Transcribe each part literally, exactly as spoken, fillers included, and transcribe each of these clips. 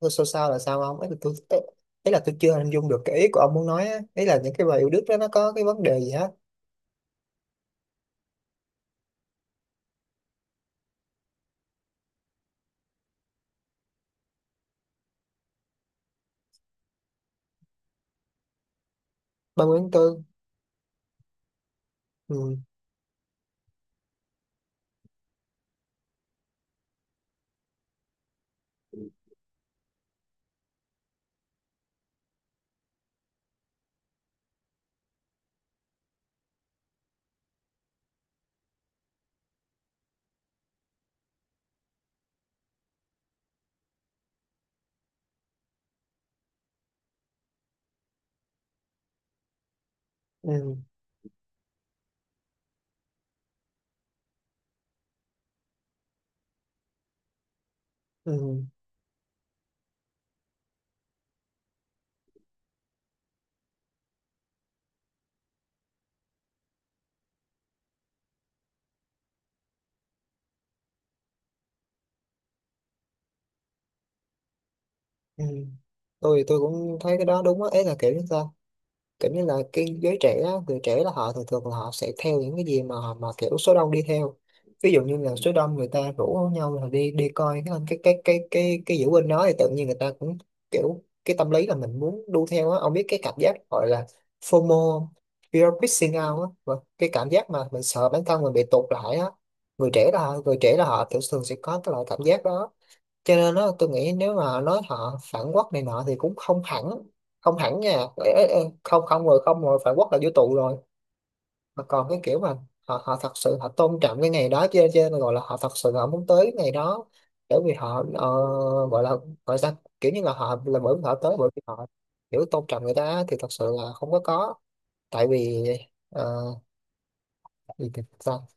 Thôi sao sao là sao ông? Ấy là tôi tôi- ấy là tôi chưa hình dung được cái ý của ông muốn nói á. Ấy là những cái bài yêu Đức đó nó có cái vấn đề gì hết? Ba Nguyễn Tư. ừ, ừ, ừ, ừ. Tôi tôi cũng thấy cái đó đúng á. Ấy là kiểu sao, kiểu như là cái giới trẻ á, người trẻ là họ thường thường là họ sẽ theo những cái gì mà mà kiểu số đông đi theo. Ví dụ như là số đông người ta rủ nhau là đi đi coi cái cái cái cái cái cái diễu binh đó thì tự nhiên người ta cũng kiểu cái tâm lý là mình muốn đu theo á. Ông biết cái cảm giác gọi là FOMO không? Fear of missing out á. Vâng, cái cảm giác mà mình sợ bản thân mình bị tụt lại á. Người trẻ là họ- người trẻ là họ thường thường sẽ có cái loại cảm giác đó. Cho nên đó, tôi nghĩ nếu mà nói họ phản quốc này nọ thì cũng không hẳn, không hẳn nha. Ê, ê, ê, không, không rồi, không rồi, phản quốc là vô tù rồi. Mà còn cái kiểu mà họ họ thật sự họ tôn trọng cái ngày đó, cho nên cho nên gọi là họ thật sự họ muốn tới cái ngày đó, bởi vì họ ờ, gọi là, gọi sao, kiểu như là họ là bởi vì họ tới bởi vì họ hiểu tôn trọng người ta thì thật sự là không có có. Tại vì ờ, gì thì sao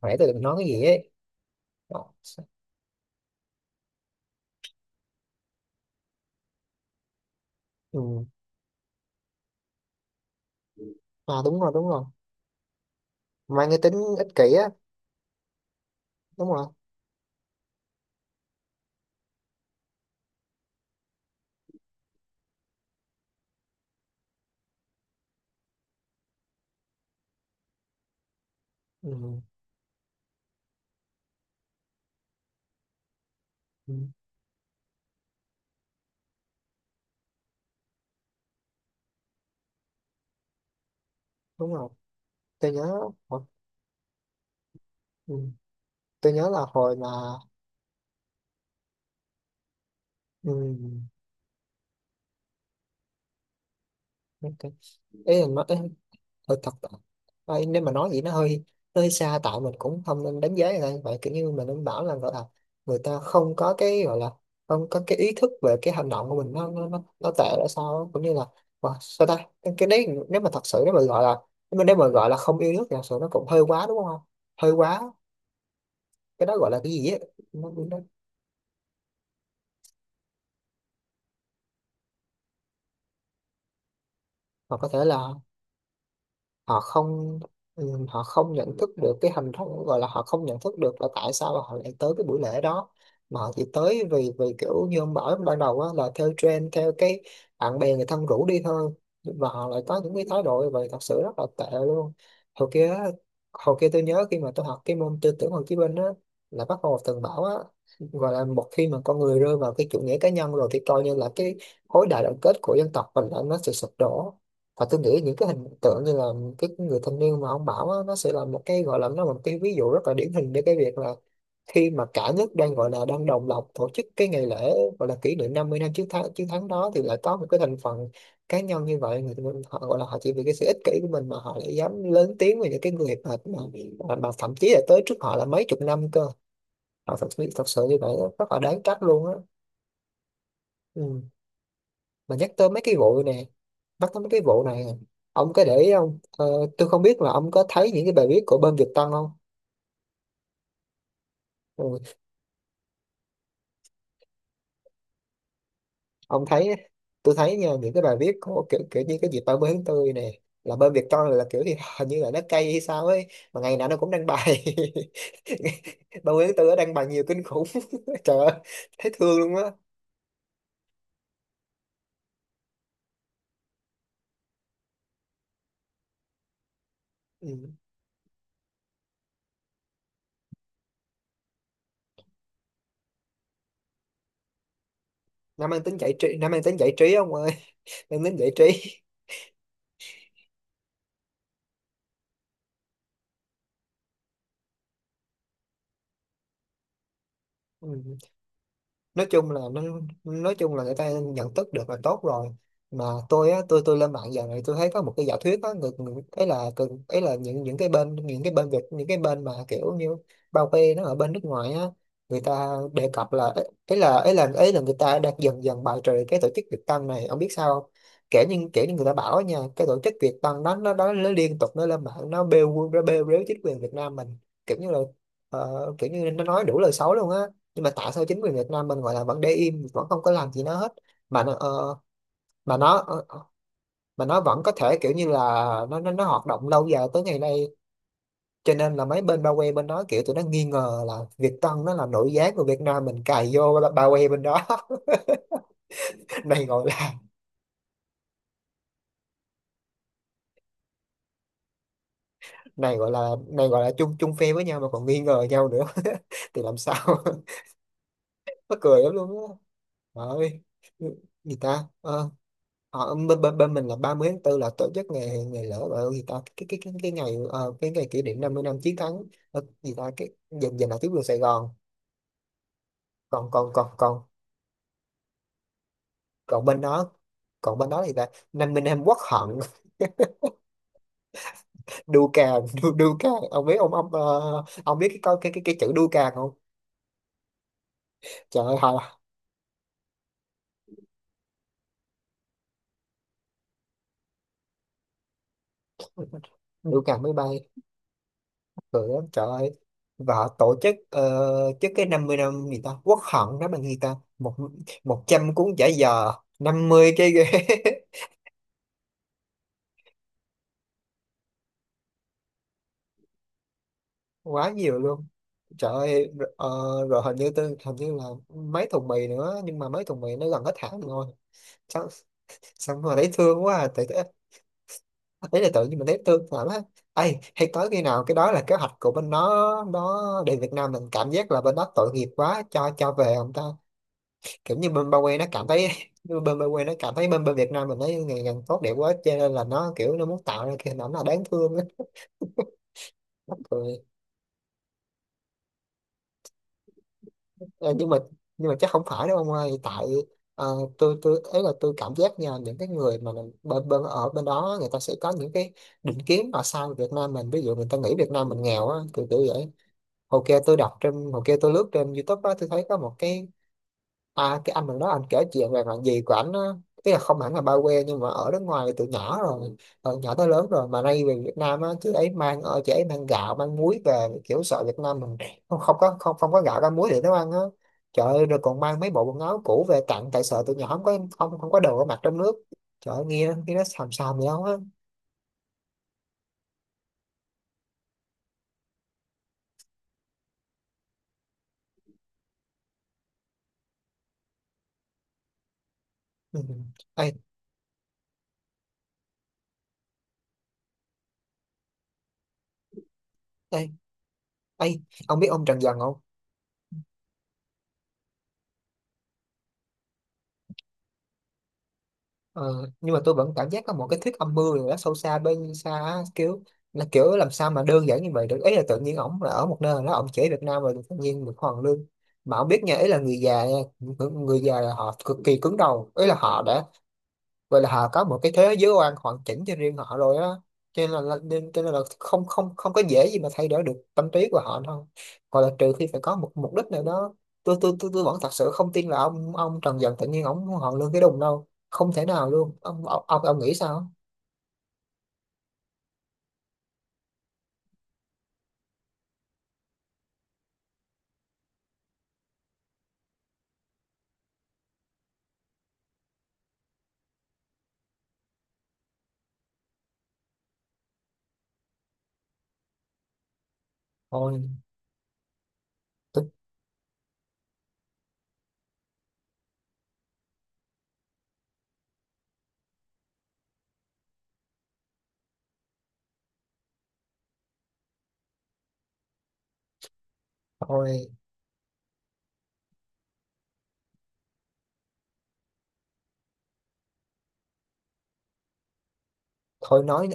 khỏe tôi đừng nói cái gì ấy. Ờ, ừ. À đúng rồi, đúng rồi, mang cái tính ích kỷ á. Đúng rồi. Ừ. Ừ, đúng rồi. Tôi nhớ hồi- ừ, tôi nhớ là hồi mà ừ, ok. Ý là nói ý, hơi thật. Ôi, nếu mà nói vậy nó hơi, nó hơi xa, tại mình cũng không nên đánh giá người ta vậy. Kiểu như mình nên bảo là gọi là người ta không có cái gọi là không có cái ý thức về cái hành động của mình, nó nó nó, nó tệ là sao á. Cũng như là wow, sao ta. cái, cái đấy nếu mà thật sự nếu mà gọi là, nếu mà, nếu mà gọi là không yêu nước thì thật sự nó cũng hơi quá đúng không? Hơi quá. Cái đó gọi là cái gì á? nó, nó, Hoặc có thể là họ không, ừ, họ không nhận thức được cái hình thức, gọi là họ không nhận thức được là tại sao họ lại tới cái buổi lễ đó, mà họ chỉ tới vì vì kiểu như ông bảo ban đầu á, là theo trend theo cái bạn bè người thân rủ đi thôi. Và họ lại có những cái thái độ như vậy thật sự rất là tệ luôn. hồi kia á, Hồi kia tôi nhớ khi mà tôi học cái môn tư tưởng Hồ Chí Minh á, là bác Hồ từng bảo á, gọi là một khi mà con người rơi vào cái chủ nghĩa cá nhân rồi thì coi như là cái khối đại đoàn kết của dân tộc mình là nó sẽ sụp đổ. Và tôi nghĩ những cái hình tượng như là cái người thanh niên mà ông bảo á, nó sẽ là một cái gọi là, nó là một cái ví dụ rất là điển hình để cái việc là khi mà cả nước đang gọi là đang đồng loạt tổ chức cái ngày lễ gọi là kỷ niệm năm mươi năm chiến thắng, chiến thắng đó thì lại có một cái thành phần cá nhân như vậy, người mình họ gọi là họ chỉ vì cái sự ích kỷ của mình mà họ lại dám lớn tiếng về những cái người mà, mà, mà thậm chí là tới trước họ là mấy chục năm cơ. Họ thật, sự- thật sự như vậy á, rất là đáng trách luôn á. Ừ. Mà nhắc tới mấy cái vụ này, nhắc tới mấy cái vụ này ông có để ý không ờ, tôi không biết là ông có thấy những cái bài viết của bên Việt Tân không? Ừ, ông thấy, tôi thấy nha những cái bài viết của kiểu kiểu như cái dịp ba mươi tháng bốn này là bên Việt Tân là kiểu thì hình như là nó cay hay sao ấy, mà ngày nào nó cũng đăng bài ba mươi tháng tư nó đăng bài nhiều kinh khủng. Trời ơi, thấy thương luôn á. Ừ. Nó mang tính giải trí, nó mang tính giải trí ông ơi, mang tính giải trí. Ừ. Nói chung là nó, nói chung là người ta nhận thức được là tốt rồi. Mà tôi á, tôi tôi lên mạng giờ này tôi thấy có một cái giả thuyết á. Người, người ấy là cần- ấy là những những cái bên, những cái bên Việt, những cái bên mà kiểu như bao bê nó ở bên nước ngoài á, người ta đề cập là ấy ấy là ấy là ấy là người ta đang dần dần bài trừ cái tổ chức Việt Tân này, ông biết sao không? Kể như, kể như người ta bảo nha, cái tổ chức Việt Tân đó nó nó, nó liên tục nó lên mạng, nó bêu, nó bêu rếu chính quyền Việt Nam mình, kiểu như là ờ, kiểu như nó nói đủ lời xấu luôn á. Nhưng mà tại sao chính quyền Việt Nam mình gọi là vẫn để im, vẫn không có làm gì nó hết, mà nó- ờ, mà nó ờ, ờ, mà nó vẫn có thể kiểu như là nó nó nó hoạt động lâu dài tới ngày nay, cho nên là mấy bên bao quanh bên đó kiểu tụi nó nghi ngờ là Việt Tân nó là nội gián của Việt Nam mình cài vô, ba- bao quanh bên đó. Này gọi là, này gọi là này gọi là chung, chung phe với nhau mà còn nghi ngờ nhau nữa thì làm sao. Mắc cười lắm luôn á. Trời ơi, gì ta. Ờ, Ờ, bên, bên, bên mình là ba mươi tháng tư là tổ chức ngày ngày lễ gọi là gì ta, cái cái cái cái ngày ờ, cái ngày kỷ niệm năm mươi năm chiến thắng, ờ, gì ta, cái dành, dành lại tuyến đường Sài Gòn. Còn còn còn còn Còn bên đó, còn bên đó thì ta năm mươi năm quốc hận. Đu cà, đu, đu cà. Ông biết ông, ông ờ, ông biết cái câu- cái cái cái chữ đu cà không? Trời ơi, hồi- đu cà máy bay, cười lắm trời ơi. Và họ tổ chức uh, trước cái năm mươi năm gì ta quốc hận đó mà người ta một, một trăm cuốn giải, năm mươi cái ghế. Quá nhiều luôn. Trời ơi rồi, ờ, rồi hình như tôi, hình như là mấy thùng mì nữa, nhưng mà mấy thùng mì nó gần hết hạn rồi. Sao sao mà thấy thương quá à. Tự, ấy là tự nhiên mình thấy thương lắm á. Ấy hay tới khi nào cái đó là kế hoạch của bên nó nó đến Việt Nam mình cảm giác là bên đó tội nghiệp quá cho, cho về không ta? Kiểu như bên Ba Que nó cảm thấy như bên Ba Que nó cảm thấy bên, bên Việt Nam mình nó ngày càng tốt đẹp quá cho nên là nó kiểu nó muốn tạo ra cái hình ảnh là đáng thương á. Mắc cười. Ờ, nhưng mà, nhưng mà chắc không phải đâu ông ơi, tại ờ, tôi tôi ấy là tôi cảm giác nha những cái người mà mình- bên, bên ở bên đó người ta sẽ có những cái định kiến mà sao Việt Nam mình, ví dụ người ta nghĩ Việt Nam mình nghèo á, kiểu kiểu vậy. Hồi kia tôi đọc trên hồi kia tôi lướt trên YouTube á, tôi thấy có một cái. À, cái anh mình đó anh kể chuyện về bạn gì của ảnh á, tức là không hẳn là ba quê nhưng mà ở nước ngoài từ nhỏ rồi, từ nhỏ tới lớn rồi, mà nay về Việt Nam á. Chứ ấy mang ở chị ấy mang gạo mang muối về kiểu sợ Việt Nam mình không, không có không không có gạo ra muối để nấu ăn á. Trời ơi rồi còn mang mấy bộ quần áo cũ về tặng tại sợ tụi nhỏ không có, không không có đồ ở mặt trong nước. Trời ơi, nghe, nghe nó xàm xàm gì đâu á. Ừ. ê ê ê ông biết ông Trần Dần không? Ờ, nhưng mà tôi vẫn cảm giác có một cái thuyết âm mưu nào đó sâu xa bên xa á, kiểu là kiểu làm sao mà đơn giản như vậy được, ý là tự nhiên ổng là ở một nơi đó ổng chỉ Việt Nam rồi tự nhiên được hoàn lương mà ổng biết nha. Ý là người già nha, người, người già là họ cực kỳ cứng đầu, ý là họ đã vậy là họ có một cái thế giới quan hoàn chỉnh cho riêng họ rồi á, cho nên là là- nên cho nên là không không không có dễ gì mà thay đổi được tâm trí của họ đâu, hoặc là trừ khi phải có một mục đích nào đó. Tôi tôi tôi, tôi vẫn thật sự không tin là ông ông Trần Dần tự nhiên ông họ lương cái đùng đâu, không thể nào luôn. Ông ông ông, ông nghĩ sao? Thôi tôi, thôi thôi nói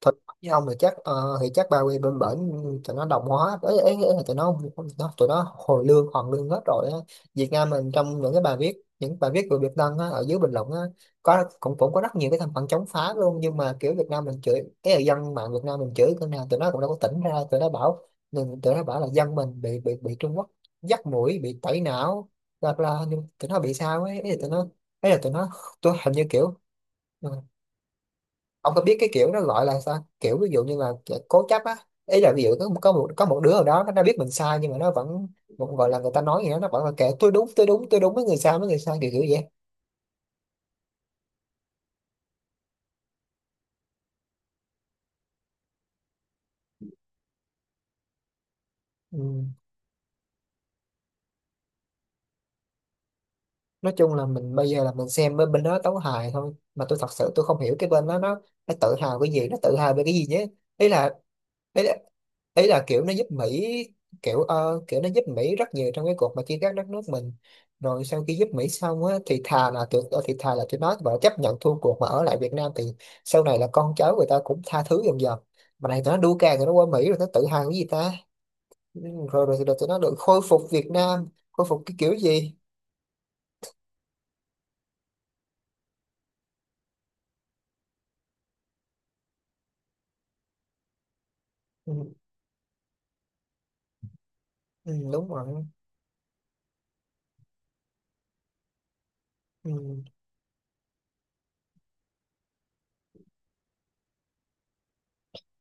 thật với ông thì chắc ờ, thì chắc ba quê bên bển tụi nó đồng hóa, ấy, ấy, ấy là tụi nó không- nó- tụi nó hồi lương hoàn lương hết rồi á. Việt Nam mình trong những cái bài viết, những bài viết của Việt Tân á, ở dưới bình luận á, có cũng cũng có rất nhiều cái thành phần chống phá luôn, nhưng mà kiểu Việt Nam mình chửi, cái là dân mạng Việt Nam mình chửi cái nào tụi nó cũng đâu có tỉnh ra. Tụi nó bảo đừng- tụi nó bảo là dân mình bị bị bị Trung Quốc dắt mũi, bị tẩy não, bla bla, nhưng tụi nó bị sao, ấy ấy là tụi nó, ấy là tụi nó. Tôi hình như kiểu ờ, ông có biết cái kiểu nó gọi là sao kiểu ví dụ như là cố chấp á, ý là ví dụ có có một có một đứa ở đó nó đã biết mình sai nhưng mà nó vẫn vẫn gọi là người ta nói gì đó nó vẫn là kệ, tôi đúng tôi đúng tôi đúng, với người sai với người sai, kiểu kiểu vậy. Ừ. Nói chung là mình bây giờ là mình xem bên bên đó tấu hài thôi, mà tôi thật sự tôi không hiểu cái bên đó nó nó tự hào cái gì, nó tự hào về cái gì nhé. Ý là ý là, ý là kiểu nó giúp Mỹ, kiểu ờ, kiểu nó giúp Mỹ rất nhiều trong cái cuộc mà chia cắt đất nước mình, rồi sau khi giúp Mỹ xong á thì thà là tụi ờ, thì thà là tụi nó và chấp nhận thua cuộc mà ở lại Việt Nam thì sau này là con cháu người ta cũng tha thứ dần dần, mà này tụi nó đua càng tụi nó qua Mỹ rồi nó tự hào cái gì ta. Ừ, rồi rồi, rồi tụi nó được khôi phục, Việt Nam khôi phục cái kiểu gì. ừ, ừ, Đúng rồi. Ừ.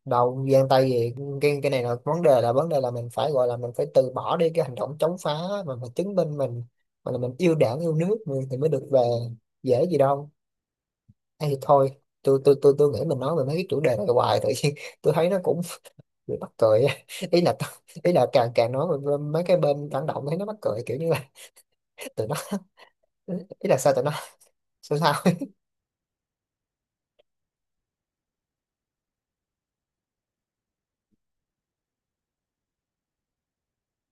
Đầu gian tay gì, cái cái này là vấn đề là vấn đề là mình phải gọi là mình phải từ bỏ đi cái hành động chống phá mà mình chứng minh mình, mà là mình yêu đảng yêu nước mình thì mới được về, dễ gì đâu. Hay thì thôi. Tôi tôi tôi tôi nghĩ mình nói về mấy cái chủ đề này hoài tự nhiên tôi thấy nó cũng bị mắc cười á. ý là ý là càng càng nói về mấy cái bên phản động thấy nó mắc cười kiểu như là tụi nó, ý là sao tụi nó, sao sao.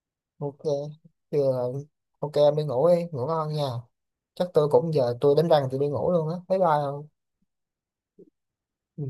OK. Thì là- OK, em đi ngủ, đi ngủ ngon nha. Chắc tôi cũng giờ tôi đánh răng tôi đi ngủ luôn á, bye bye không? Ừ.